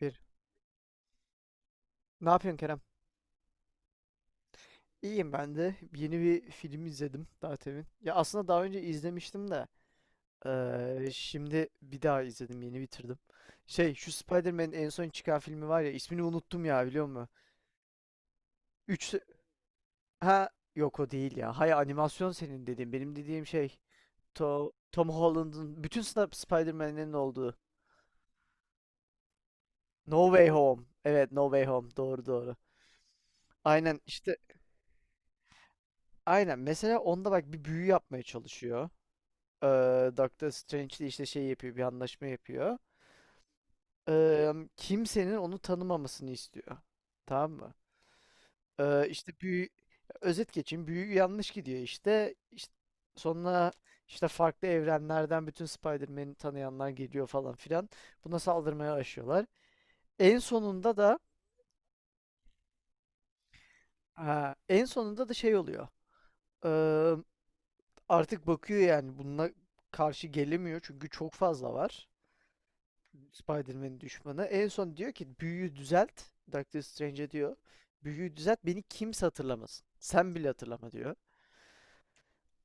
Bir. Ne yapıyorsun Kerem? İyiyim ben de. Yeni bir film izledim daha temin. Ya aslında daha önce izlemiştim de şimdi bir daha izledim. Yeni bitirdim. Şey şu Spider-Man'in en son çıkan filmi var ya ismini unuttum ya biliyor musun? Üç... Ha yok o değil ya. Hayır animasyon senin dediğin. Benim dediğim şey Tom Holland'ın bütün Spider-Man'lerin olduğu. No Way Home. Evet, No Way Home. Doğru, doğru. Aynen işte, aynen. Mesela onda bak bir büyü yapmaya çalışıyor. Doctor Strange de işte şey yapıyor, bir anlaşma yapıyor. Kimsenin onu tanımamasını istiyor. Tamam mı? İşte büyü özet geçeyim. Büyü yanlış gidiyor işte. İşte sonra işte farklı evrenlerden bütün Spider-Man'i tanıyanlar geliyor falan filan. Buna saldırmaya başlıyorlar. En sonunda da Ha, en sonunda da şey oluyor. Eee, artık bakıyor, yani bununla karşı gelemiyor çünkü çok fazla var. Spider-Man'in düşmanı. En son diyor ki büyüyü düzelt. Doctor Strange'e diyor. Büyüyü düzelt, beni kimse hatırlamasın. Sen bile hatırlama diyor.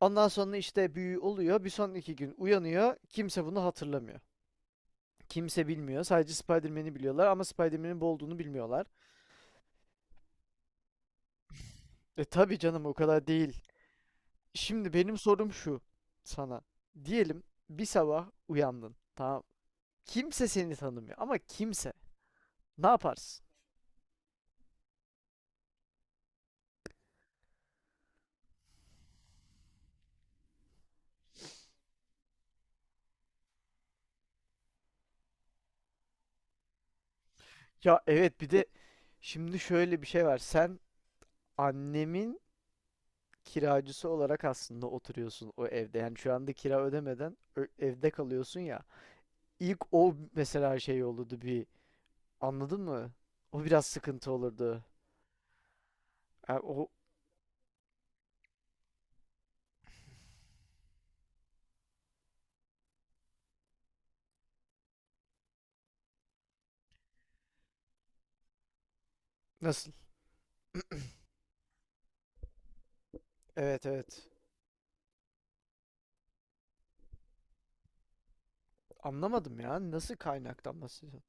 Ondan sonra işte büyü oluyor. Bir sonraki gün uyanıyor. Kimse bunu hatırlamıyor. Kimse bilmiyor. Sadece Spider-Man'i biliyorlar ama Spider-Man'in bu olduğunu bilmiyorlar. E tabii canım, o kadar değil. Şimdi benim sorum şu sana. Diyelim bir sabah uyandın. Tamam. Kimse seni tanımıyor, ama kimse. Ne yaparsın? Ya evet, bir de şimdi şöyle bir şey var. Sen annemin kiracısı olarak aslında oturuyorsun o evde. Yani şu anda kira ödemeden evde kalıyorsun ya. İlk o mesela şey olurdu bir. Anladın mı? O biraz sıkıntı olurdu. Ha, o nasıl? Evet, evet. Anlamadım ya. Nasıl kaynaktan bahsediyorsun?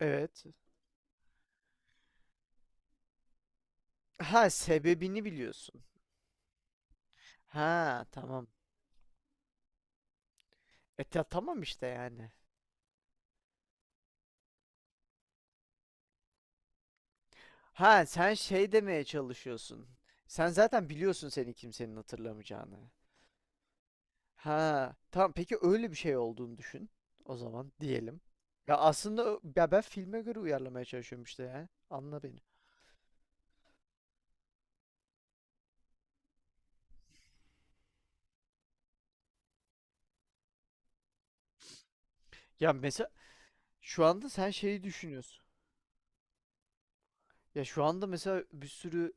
Evet. Ha, sebebini biliyorsun. Ha, tamam. Tamam işte, yani. Ha, sen şey demeye çalışıyorsun. Sen zaten biliyorsun senin kimsenin hatırlamayacağını. Ha, tamam, peki öyle bir şey olduğunu düşün o zaman diyelim. Ya aslında ya ben filme göre uyarlamaya çalışıyorum işte ya. Anla beni. Ya mesela şu anda sen şeyi düşünüyorsun. Ya şu anda mesela bir sürü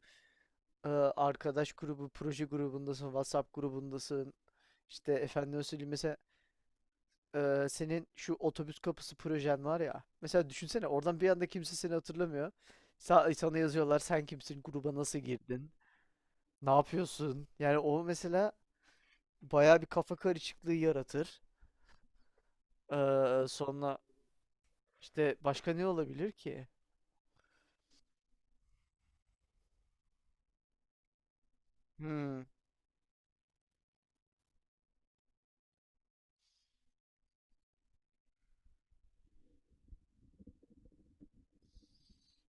arkadaş grubu, proje grubundasın, WhatsApp grubundasın. İşte efendim söyleyeyim mesela, senin şu otobüs kapısı projen var ya. Mesela düşünsene oradan bir anda kimse seni hatırlamıyor. Sana yazıyorlar, sen kimsin, gruba nasıl girdin, ne yapıyorsun? Yani o mesela bayağı bir kafa karışıklığı yaratır. Sonra işte başka ne olabilir ki? Hmm.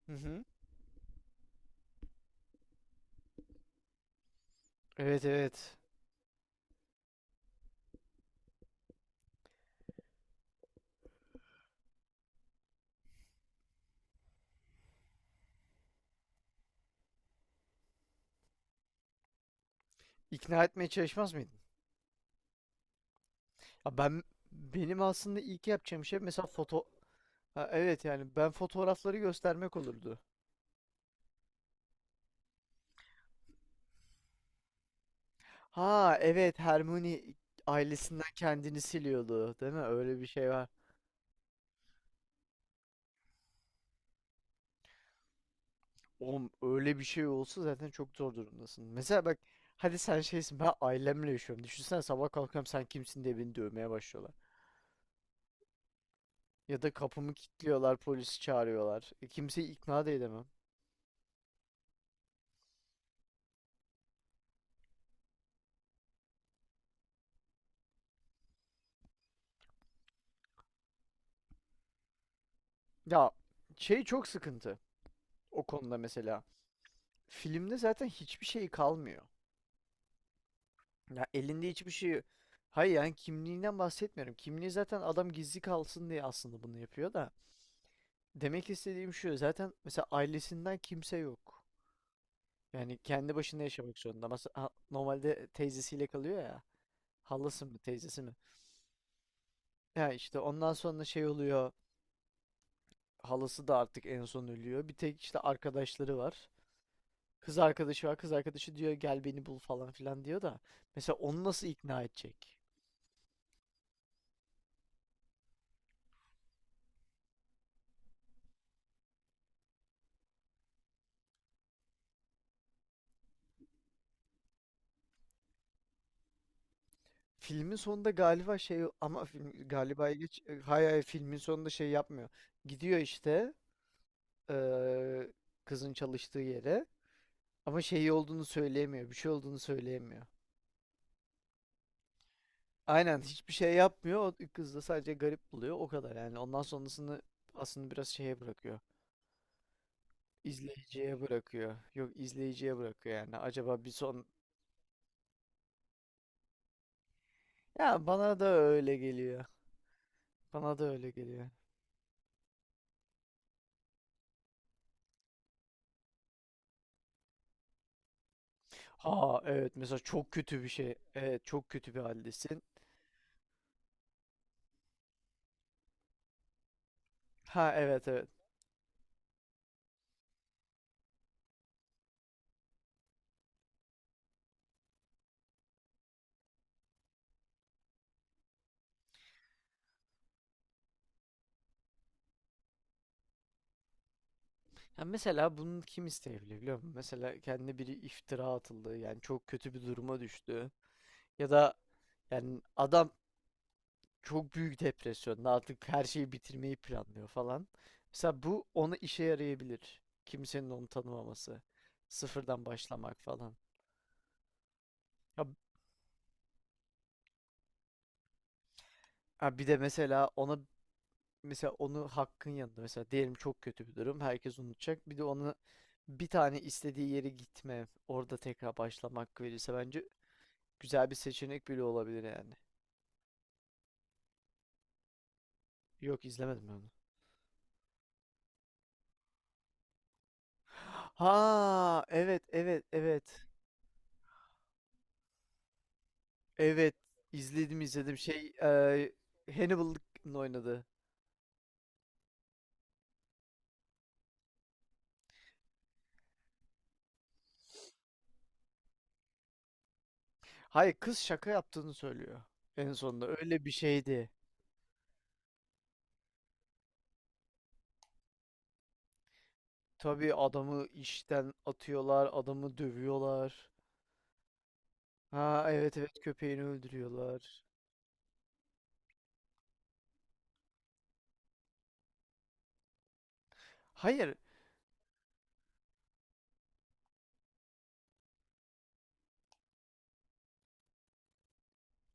Hı hı. Evet, evet. İkna etmeye çalışmaz mıydın? Ya ben benim aslında ilk yapacağım şey mesela ha, evet yani ben fotoğrafları göstermek olurdu. Ha evet, Hermione ailesinden kendini siliyordu değil mi? Öyle bir şey var. Oğlum öyle bir şey olsa zaten çok zor durumdasın. Mesela bak, hadi sen şeysin, ben ailemle yaşıyorum. Düşünsene sabah kalkıyorum, sen kimsin diye beni dövmeye başlıyorlar. Ya da kapımı kilitliyorlar, polisi çağırıyorlar. Kimseyi ikna da edemem. Ya şey, çok sıkıntı o konuda mesela. Filmde zaten hiçbir şey kalmıyor. Ya elinde hiçbir şey. Hayır, yani kimliğinden bahsetmiyorum. Kimliği zaten adam gizli kalsın diye aslında bunu yapıyor da. Demek istediğim şu, zaten mesela ailesinden kimse yok. Yani kendi başına yaşamak zorunda. Mesela normalde teyzesiyle kalıyor ya. Halası mı, teyzesi mi? Ya işte ondan sonra şey oluyor. Halası da artık en son ölüyor. Bir tek işte arkadaşları var. Kız arkadaşı var. Kız arkadaşı diyor gel beni bul falan filan diyor da. Mesela onu nasıl ikna edecek? Filmin sonunda galiba şey, ama film galiba hayır, hayır, filmin sonunda şey yapmıyor. Gidiyor işte eee, kızın çalıştığı yere, ama şey olduğunu söyleyemiyor. Bir şey olduğunu söyleyemiyor. Aynen, hiçbir şey yapmıyor. O kız da sadece garip buluyor. O kadar yani. Ondan sonrasını aslında biraz şeye bırakıyor. İzleyiciye bırakıyor. Yok, izleyiciye bırakıyor yani. Acaba bir son... Ya bana da öyle geliyor. Bana da öyle geliyor. Ha evet, mesela çok kötü bir şey. Evet, çok kötü bir haldesin. Ha evet, evet. Ya mesela bunu kim isteyebilir biliyor musun? Mesela kendine biri iftira atıldı. Yani çok kötü bir duruma düştü. Ya da yani adam çok büyük depresyonda, artık her şeyi bitirmeyi planlıyor falan. Mesela bu ona işe yarayabilir. Kimsenin onu tanımaması. Sıfırdan başlamak falan. Ya, ha bir de mesela ona, mesela onu hakkın yanında mesela diyelim çok kötü bir durum, herkes unutacak. Bir de onu bir tane istediği yere gitme, orada tekrar başlamak verirse bence güzel bir seçenek bile olabilir yani. Yok, izlemedim ben onu. Ha evet, evet, evet. Evet, izledim, izledim şey, Hannibal'ın oynadı. Hayır, kız şaka yaptığını söylüyor en sonunda, öyle bir şeydi. Tabii, adamı işten atıyorlar, adamı dövüyorlar. Ha evet, evet, köpeğini öldürüyorlar. Hayır.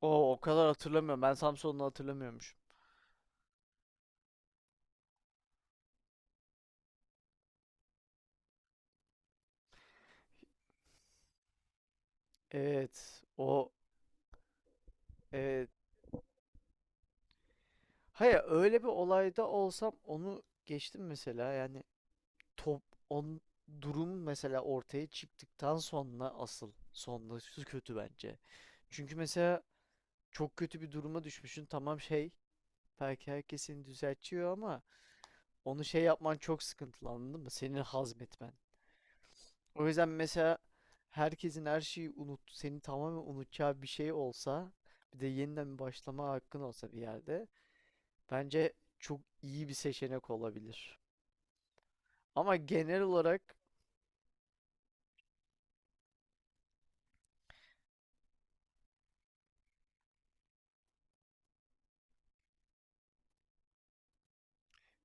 O kadar hatırlamıyorum. Ben Samson'u hatırlamıyormuşum. Evet. O, evet. Hayır, öyle bir olayda olsam onu geçtim mesela. Yani top on durum mesela ortaya çıktıktan sonra asıl sonrası kötü bence. Çünkü mesela çok kötü bir duruma düşmüşsün. Tamam, şey, belki herkesin düzeltiyor ama onu şey yapman çok sıkıntılı, anladın mı? Senin hazmetmen. O yüzden mesela herkesin her şeyi unut, seni tamamen unutacağı bir şey olsa, bir de yeniden başlama hakkın olsa bir yerde, bence çok iyi bir seçenek olabilir. Ama genel olarak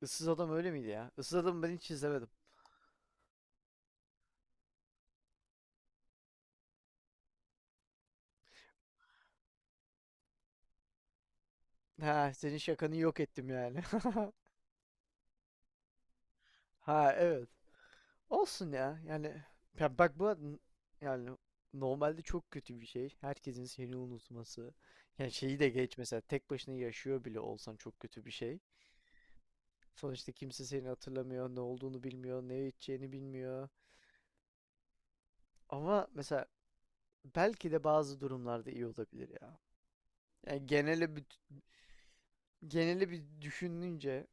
Issız Adam öyle miydi ya? Issız Adam'ı ben hiç izlemedim. Ha, senin şakanı yok ettim yani. Ha, evet. Olsun ya. Yani ya bak bu n- yani normalde çok kötü bir şey. Herkesin seni unutması. Yani şeyi de geç, mesela tek başına yaşıyor bile olsan çok kötü bir şey. Sonuçta kimse seni hatırlamıyor, ne olduğunu bilmiyor, ne içeceğini bilmiyor. Ama mesela belki de bazı durumlarda iyi olabilir ya. Yani genele bir düşününce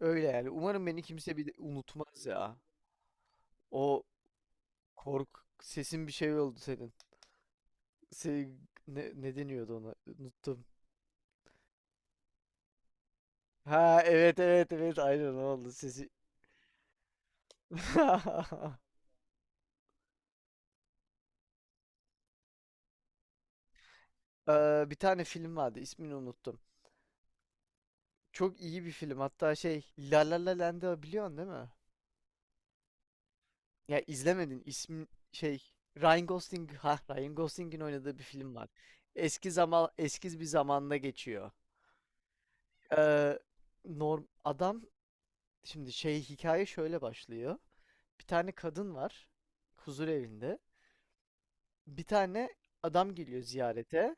öyle yani. Umarım beni kimse bir de unutmaz ya. O kork sesin bir şey oldu senin. Se ne deniyordu ona? Unuttum. Ha evet, evet, evet, aynen oldu sesi. Bir tane film vardı, ismini unuttum. Çok iyi bir film, hatta şey, La La La Land'ı biliyorsun değil mi? Ya izlemedin. İsmi şey, Ryan Gosling'in oynadığı bir film var. Eski bir zamanda geçiyor. Ee, norm adam Şimdi şey, hikaye şöyle başlıyor. Bir tane kadın var, huzur evinde. Bir tane adam geliyor ziyarete.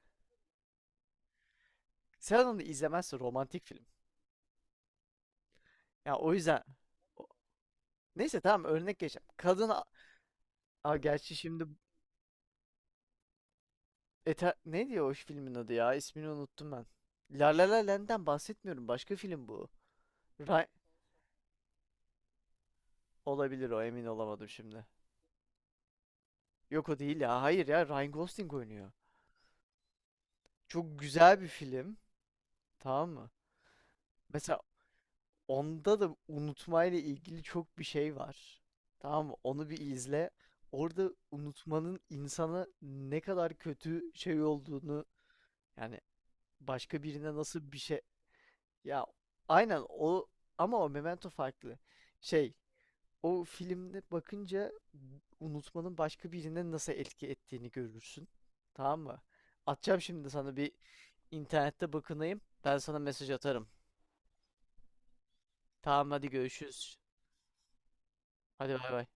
Sen onu izlemezsin, romantik film. Ya o yüzden o- neyse, tamam, örnek geçelim. Gerçi şimdi Eter ne diyor o filmin adı ya? İsmini unuttum ben. La La La Land'den bahsetmiyorum. Başka film bu. Ra- Olabilir, o, emin olamadım şimdi. Yok, o değil ya. Hayır ya, Ryan Gosling oynuyor. Çok güzel bir film. Tamam mı? Mesela onda da unutmayla ilgili çok bir şey var. Tamam mı? Onu bir izle. Orada unutmanın insana ne kadar kötü şey olduğunu, yani başka birine nasıl bir şey, ya aynen o, ama o Memento farklı. Şey, o filmde bakınca unutmanın başka birine nasıl etki ettiğini görürsün. Tamam mı? Atacağım şimdi sana bir, internette bakınayım. Ben sana mesaj atarım. Tamam, hadi görüşürüz. Hadi, bay bay.